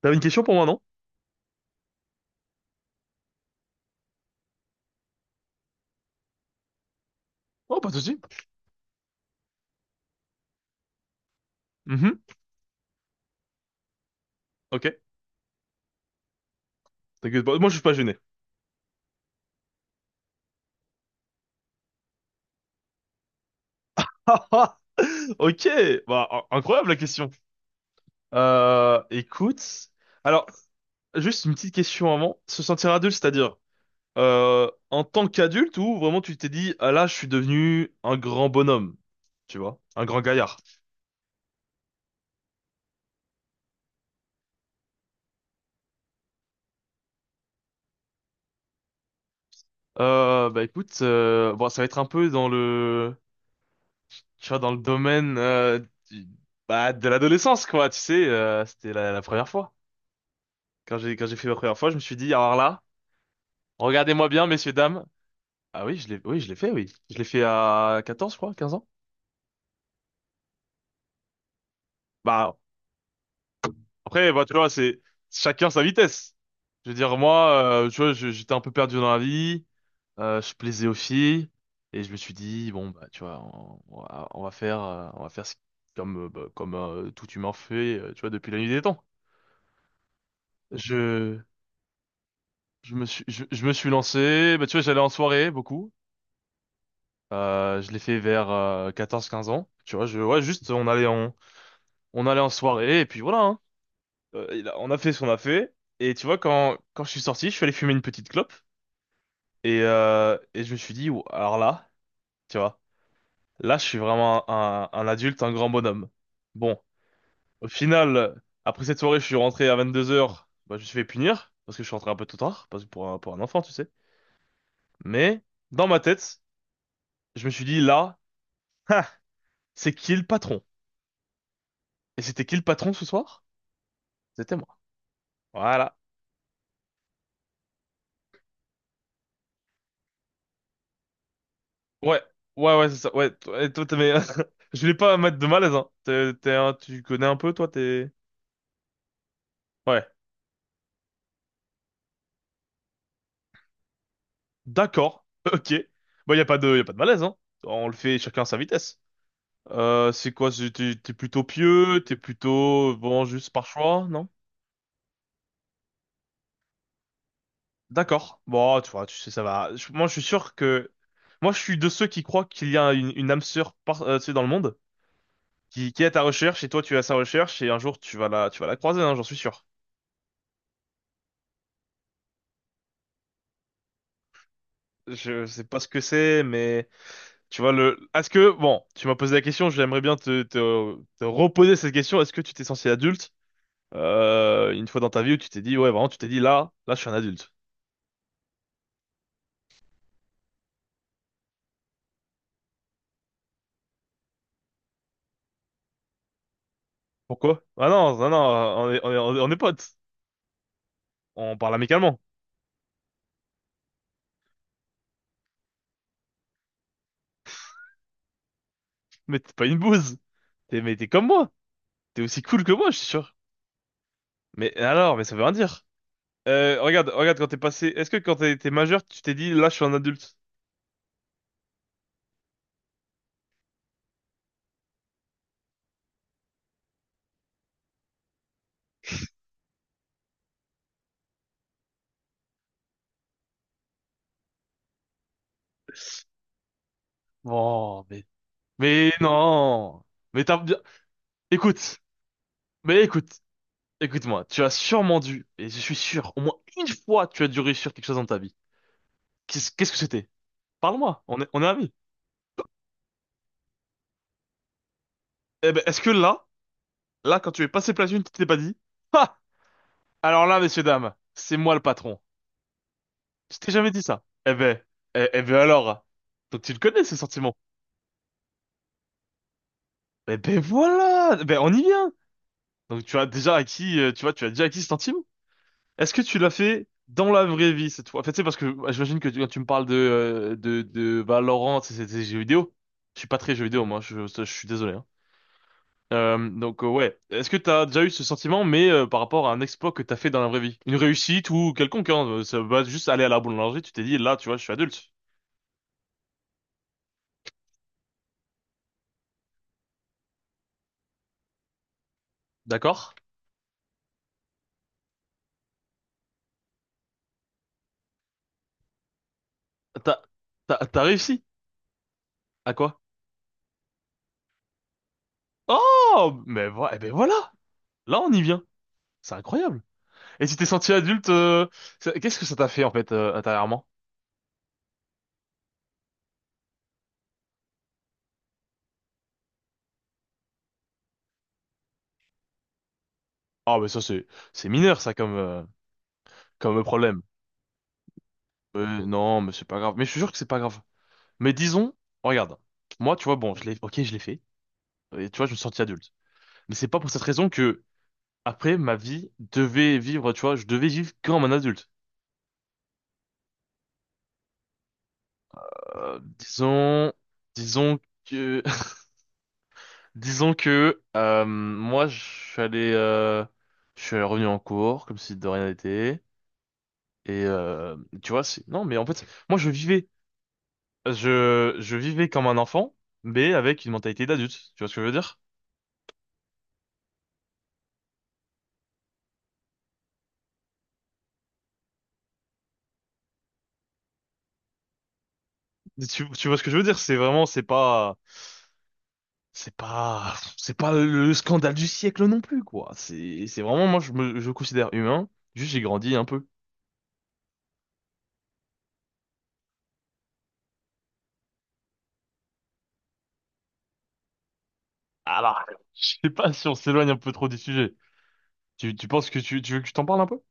T'avais une question pour moi, non? Oh, pas de souci. Mhm. Ok. T'inquiète pas. Moi, je suis pas gêné. Ah, ah. Ok. Bah, incroyable la question. Écoute. Alors, juste une petite question avant. Se sentir adulte, c'est-à-dire en tant qu'adulte ou vraiment tu t'es dit, ah là, je suis devenu un grand bonhomme, tu vois, un grand gaillard. Bah écoute, bon, ça va être un peu dans le, tu vois, dans le domaine du- bah, de l'adolescence, quoi. Tu sais, c'était la première fois. Quand j'ai fait ma première fois, je me suis dit, alors là. Regardez-moi bien, messieurs, dames. Ah oui, je l'ai fait, oui. Je l'ai fait à 14, je crois, 15 ans. Bah, après, bah, tu vois, c'est chacun sa vitesse. Je veux dire, moi, tu vois, j'étais un peu perdu dans la vie, je plaisais aux filles, et je me suis dit, bon, bah, tu vois, on va faire, bah, comme tout humain fait, tu vois, depuis la nuit des temps. Je, je me suis lancé, bah, tu vois, j'allais en soirée, beaucoup. Je l'ai fait vers 14-15 ans. Tu vois, ouais, juste, on allait en soirée, et puis voilà, hein. On a fait ce qu'on a fait. Et tu vois, quand je suis sorti, je suis allé fumer une petite clope. Et je me suis dit, Ouh, alors là, tu vois, là, je suis vraiment un adulte, un grand bonhomme. Bon, au final, après cette soirée, je suis rentré à 22h. Bah, je me suis fait punir, parce que je suis rentré un peu tôt tard, parce que pour un enfant, tu sais. Mais, dans ma tête, je me suis dit, là, ha, c'est qui le patron? Et c'était qui le patron ce soir? C'était moi. Voilà. Ouais, ouais, ouais, c'est ça. Ouais, toi, et toi, mais je voulais pas mettre de malaise, hein. T'es, tu connais un peu, toi, t'es. Ouais, d'accord, ok. Bah, y a pas de malaise, hein. On le fait chacun à sa vitesse. C'est quoi, t'es plutôt pieux, t'es plutôt, bon, juste par choix, non? D'accord. Bon, tu vois, tu sais, ça va. Moi, je suis sûr que. Moi, je suis de ceux qui croient qu'il y a une âme sœur par, tu sais, dans le monde, qui est à ta recherche, et toi, tu es à sa recherche, et un jour, tu vas la croiser, hein, j'en suis sûr. Je sais pas ce que c'est, mais. Tu vois, est-ce que, bon, tu m'as posé la question, j'aimerais bien te reposer cette question. Est-ce que tu t'es senti adulte, une fois dans ta vie où tu t'es dit, ouais, vraiment, tu t'es dit, là, je suis un adulte. Pourquoi? Ah non, non, non, on est potes. On parle amicalement. Mais t'es pas une bouse. Mais t'es comme moi. T'es aussi cool que moi, je suis sûr. Mais alors, ça veut rien dire. Regarde, regarde, est-ce que quand t'es majeur, tu t'es dit, là, je suis un adulte? Bon, mais non. Mais t'as bien, Écoute, écoute. Écoute-moi, tu as sûrement dû, et je suis sûr, au moins une fois, tu as dû réussir quelque chose dans ta vie. Qu'est-ce que c'était? Parle-moi, on est amis. Eh ben, est-ce que là, quand tu es passé platine, tu t'es pas dit, Ah! Alors là, messieurs, dames, c'est moi le patron. Je t'ai jamais dit ça. Eh ben alors. Donc tu le connais, ce sentiment. Eh ben voilà, eh ben on y vient. Donc tu as déjà acquis, tu vois, tu as déjà acquis ce sentiment. Est-ce que tu l'as fait dans la vraie vie cette fois? En fait, c'est parce que bah, j'imagine que quand tu me parles de de Valorant, c'est des jeux vidéo. Je suis pas très jeu vidéo moi, je suis désolé. Hein. Donc ouais, est-ce que t'as déjà eu ce sentiment, mais par rapport à un exploit que t'as fait dans la vraie vie, une réussite ou quelconque, hein, ça va juste aller à la boulangerie, tu t'es dit là, tu vois, je suis adulte, d'accord? T'as t'as réussi à quoi? Oh, mais eh ben voilà, là on y vient, c'est incroyable. Et tu t'es senti adulte, qu'est-ce que ça t'a fait en fait intérieurement? Ah, mais ça, c'est mineur, ça, comme problème. Non, mais c'est pas grave. Mais je suis sûr que c'est pas grave. Mais disons, regarde. Moi, tu vois, bon, ok, je l'ai fait. Et tu vois, je me suis senti adulte. Mais c'est pas pour cette raison que, après, ma vie devait vivre, tu vois, je devais vivre comme un adulte. Euh, disons, Disons que, moi, je suis revenu en cours, comme si de rien n'était. Et, euh, Tu vois, non, mais en fait, moi, je vivais. Je vivais comme un enfant, mais avec une mentalité d'adulte. Tu vois ce que je veux dire? Tu vois ce que je veux dire? C'est vraiment, c'est pas, c'est pas, C'est pas le scandale du siècle non plus, quoi. C'est vraiment, moi, je considère humain. Juste, j'ai grandi un peu. Alors, je sais pas si on s'éloigne un peu trop du sujet. Tu penses que tu veux que je t'en parle un peu?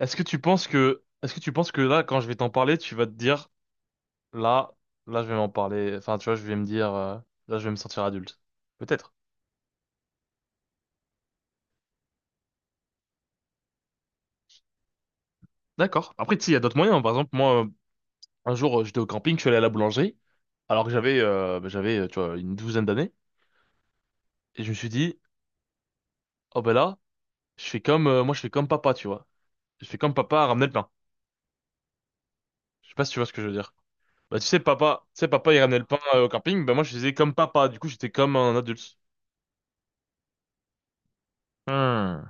Est-ce que tu penses que, est-ce que tu penses que là, quand je vais t'en parler, tu vas te dire, là, là, je vais m'en parler. Enfin, tu vois, je vais me dire, là, je vais me sentir adulte. Peut-être. D'accord. Après, tu sais, il y a d'autres moyens. Par exemple, moi, un jour, j'étais au camping, je suis allé à la boulangerie, alors que j'avais, bah, tu vois, une douzaine d'années, et je me suis dit, oh ben là, moi, je fais comme papa, tu vois. Je fais comme papa à ramener le pain. Je sais pas si tu vois ce que je veux dire. Bah, tu sais, papa, il ramenait le pain au camping, bah moi, je faisais comme papa. Du coup, j'étais comme un adulte. Hmm.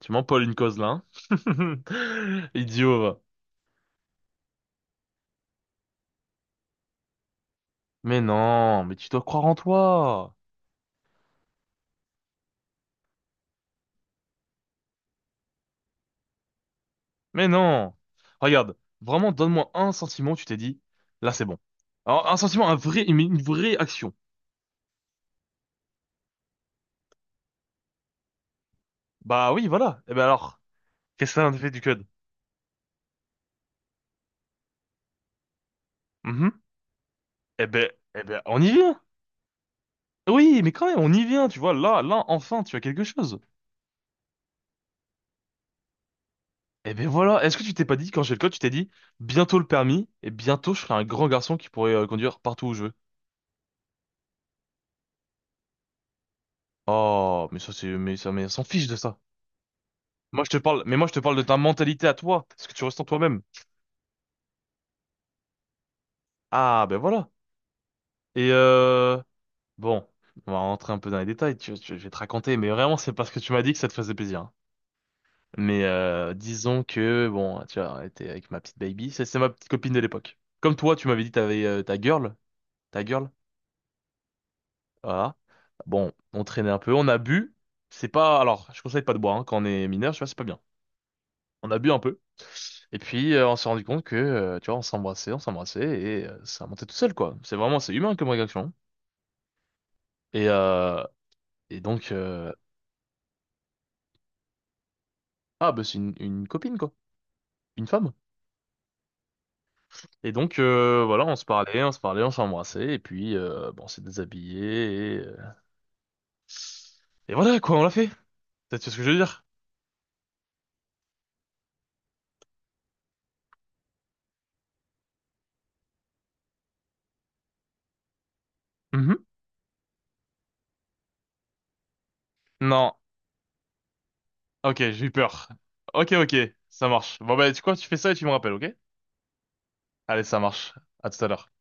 Tu m'empaules une cause là, hein. Idiot, va. Mais non, mais tu dois croire en toi. Mais non! Regarde, vraiment, donne-moi un sentiment, où tu t'es dit, là c'est bon. Alors, un sentiment, un vrai, une vraie action. Bah oui, voilà. Et ben alors, qu'est-ce que ça en fait du code? Mhm. Eh ben, on y vient! Oui, mais quand même, on y vient, tu vois, là, enfin, tu as quelque chose. Eh ben voilà, est-ce que tu t'es pas dit, quand j'ai le code, tu t'es dit, bientôt le permis, et bientôt je serai un grand garçon qui pourrait conduire partout où je veux. Oh, mais ça c'est, mais ça, mais on s'en fiche de ça. Moi je te parle, mais moi je te parle de ta mentalité à toi, ce que tu restes en toi-même. Ah ben voilà. Et euh, Bon, on va rentrer un peu dans les détails, je vais te raconter, mais vraiment c'est parce que tu m'as dit que ça te faisait plaisir. Hein. Disons que, bon, tu as été avec ma petite baby, c'est ma petite copine de l'époque. Comme toi, tu m'avais dit que t'avais ta girl, ta girl, voilà. Bon, on traînait un peu, on a bu, c'est pas, alors, je conseille pas de boire hein, quand on est mineur, tu vois, c'est pas bien. On a bu un peu, et puis on s'est rendu compte que, tu vois, on s'embrassait, et ça montait tout seul, quoi. C'est vraiment, c'est humain comme réaction. Hein. Et, euh, et donc, ah, bah c'est une copine, quoi. Une femme. Et donc, voilà, on se parlait, on se parlait, on s'embrassait, et puis, bon, on s'est déshabillé, et voilà, quoi, on l'a fait. T'as Tu vois ce que je veux dire? Mhm. Non. Ok, j'ai eu peur. Ok, ok, ça marche. Bon, bah, tu fais ça et tu me rappelles, ok? Allez, ça marche. À tout à l'heure.